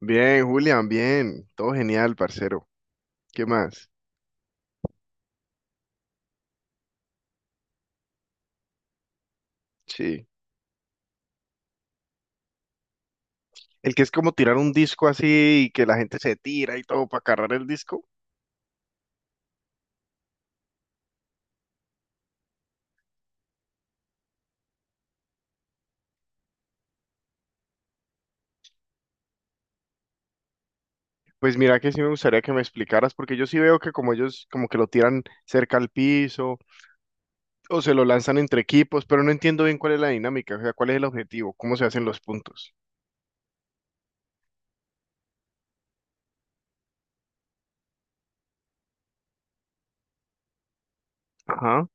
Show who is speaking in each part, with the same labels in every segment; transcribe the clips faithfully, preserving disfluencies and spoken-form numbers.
Speaker 1: Bien, Julián, bien. Todo genial, parcero. ¿Qué más? Sí. El que es como tirar un disco así y que la gente se tira y todo para cargar el disco. Pues mira que sí me gustaría que me explicaras, porque yo sí veo que como ellos como que lo tiran cerca al piso o se lo lanzan entre equipos, pero no entiendo bien cuál es la dinámica, o sea, cuál es el objetivo, cómo se hacen los puntos. Ajá,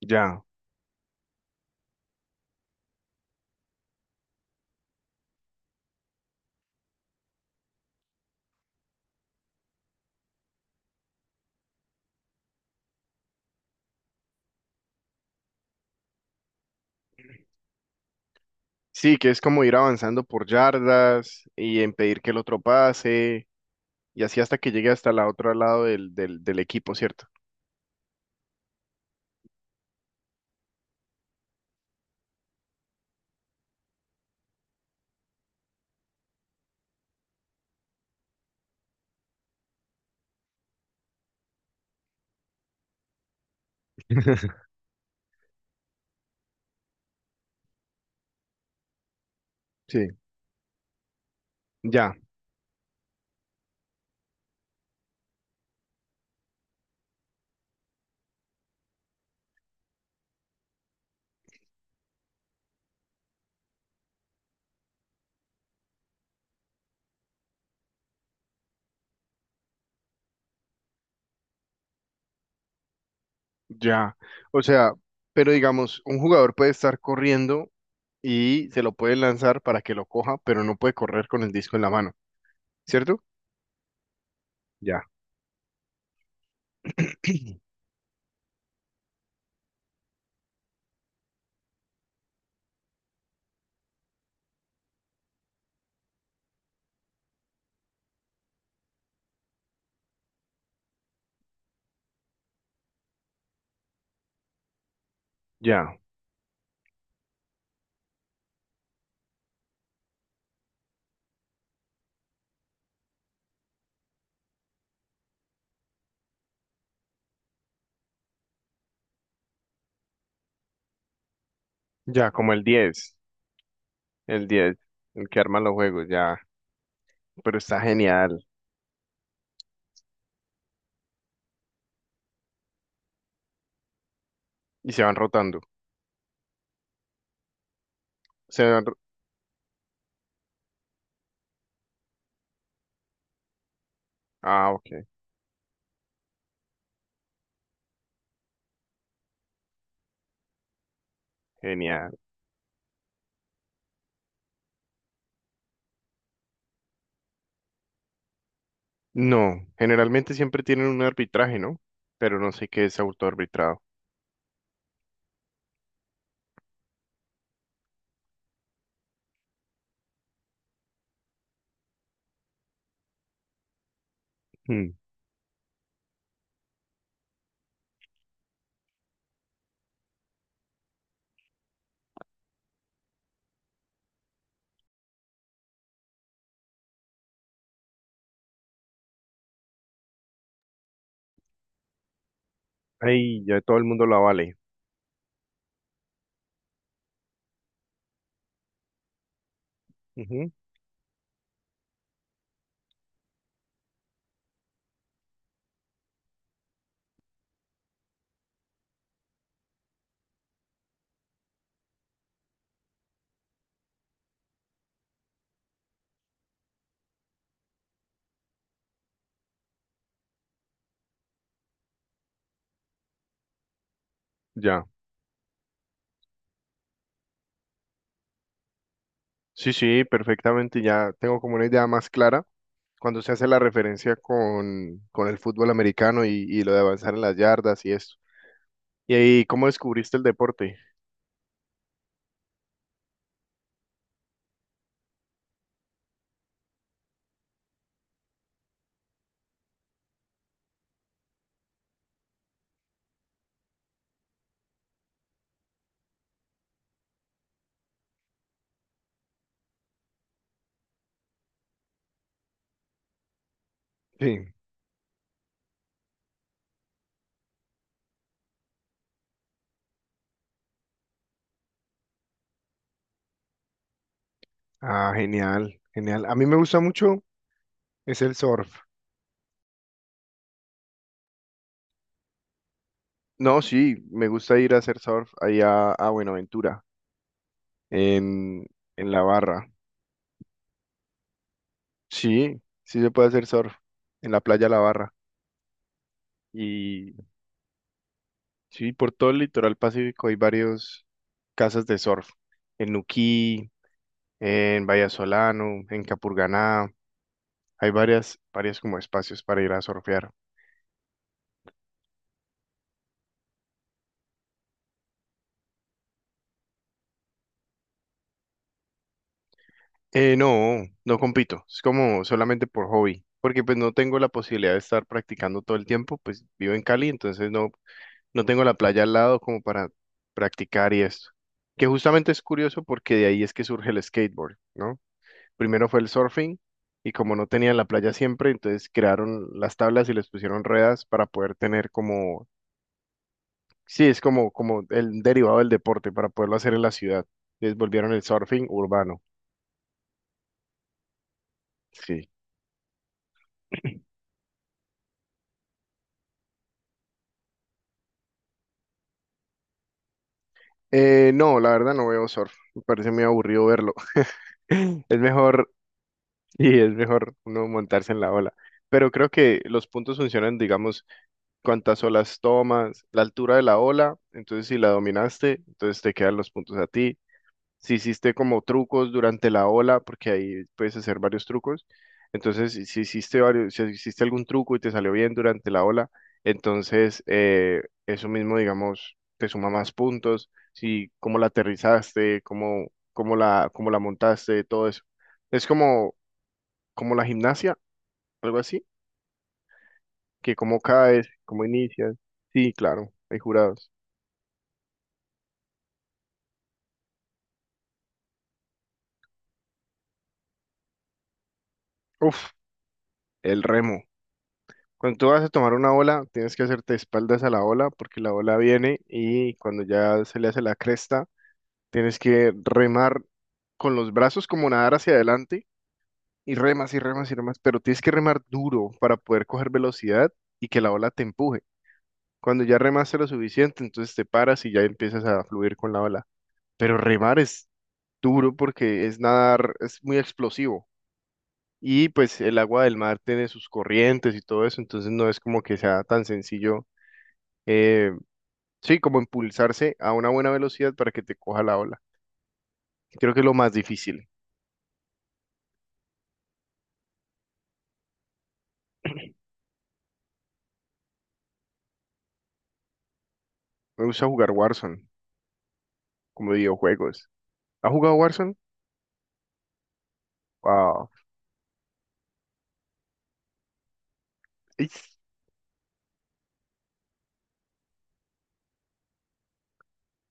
Speaker 1: ya. Sí, que es como ir avanzando por yardas y impedir que el otro pase, y así hasta que llegue hasta la otro lado del, del, del equipo, ¿cierto? Sí, ya, ya. O sea, pero digamos, un jugador puede estar corriendo y se lo puede lanzar para que lo coja, pero no puede correr con el disco en la mano, ¿cierto? Ya, ya, ya, como el diez, el diez, el que arma los juegos, ya. Pero está genial. Y se van rotando. Se van... ro-. Ah, ok, genial. No, generalmente siempre tienen un arbitraje, ¿no? Pero no sé qué es autoarbitrado. Mm. Ay, ya todo el mundo lo vale. Ya. Sí, sí, perfectamente. Ya tengo como una idea más clara cuando se hace la referencia con, con el fútbol americano y, y lo de avanzar en las yardas y esto. ¿Y ahí cómo descubriste el deporte? Sí. Ah, genial, genial. A mí me gusta mucho es el surf. No, sí, me gusta ir a hacer surf allá a Buenaventura, en, en la barra. Sí, sí se puede hacer surf en la playa La Barra. Y sí, por todo el litoral pacífico hay varios casas de surf. En Nuquí, en Solano, en Capurganá, hay varias, varias como espacios para ir a surfear. Eh, no, no compito, es como solamente por hobby, porque pues no tengo la posibilidad de estar practicando todo el tiempo, pues vivo en Cali, entonces no, no tengo la playa al lado como para practicar y esto. Que justamente es curioso porque de ahí es que surge el skateboard, ¿no? Primero fue el surfing y como no tenían la playa siempre, entonces crearon las tablas y les pusieron ruedas para poder tener como, sí, es como, como el derivado del deporte para poderlo hacer en la ciudad. Les volvieron el surfing urbano. Sí. Eh, no, la verdad no veo surf. Me parece muy aburrido verlo. Es mejor, y es mejor uno montarse en la ola. Pero creo que los puntos funcionan, digamos, cuántas olas tomas, la altura de la ola. Entonces, si la dominaste, entonces te quedan los puntos a ti. Si hiciste como trucos durante la ola, porque ahí puedes hacer varios trucos, entonces si si hiciste varios, si hiciste algún truco y te salió bien durante la ola, entonces eh, eso mismo, digamos, te suma más puntos, si cómo la aterrizaste, cómo, cómo la, cómo la montaste, todo eso. Es como, como la gimnasia, algo así, que cómo caes, cómo inicias. Sí, claro, hay jurados. Uf, el remo. Cuando tú vas a tomar una ola, tienes que hacerte espaldas a la ola porque la ola viene y cuando ya se le hace la cresta, tienes que remar con los brazos como nadar hacia adelante y remas y remas y remas, pero tienes que remar duro para poder coger velocidad y que la ola te empuje. Cuando ya remaste lo suficiente, entonces te paras y ya empiezas a fluir con la ola. Pero remar es duro porque es nadar, es muy explosivo. Y pues el agua del mar tiene sus corrientes y todo eso, entonces no es como que sea tan sencillo eh, sí, como impulsarse a una buena velocidad para que te coja la ola. Creo que es lo más difícil. Me gusta jugar Warzone, como videojuegos. ¿Has jugado Warzone? Wow. Is-.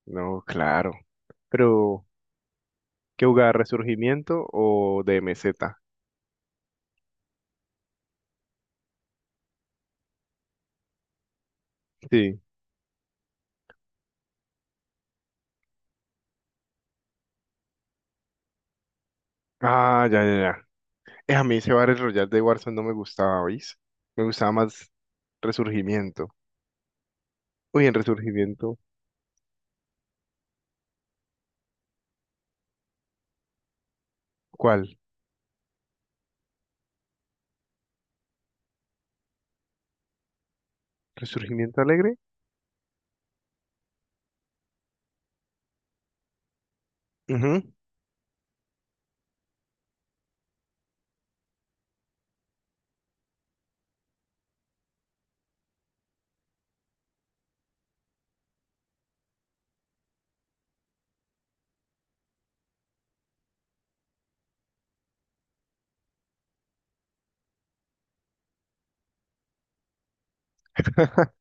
Speaker 1: No, claro. Pero, ¿qué jugar? ¿Resurgimiento o D M Z? Sí. Ah, ya, ya, ya. Eh, a mí ese Battle Royale de Warzone no me gustaba, ¿oís? Me gustaba más Resurgimiento. Uy, en Resurgimiento, ¿cuál? ¿Resurgimiento Alegre? Ujú.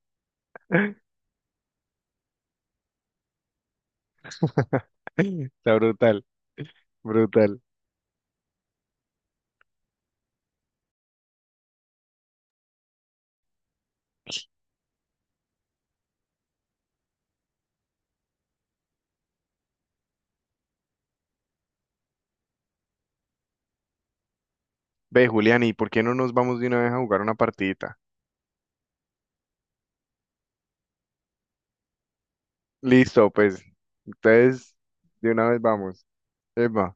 Speaker 1: Está brutal, brutal. Ve, Julián, ¿y por qué no nos vamos de una vez a jugar una partidita? Listo, pues. Entonces, de una vez vamos. Epa.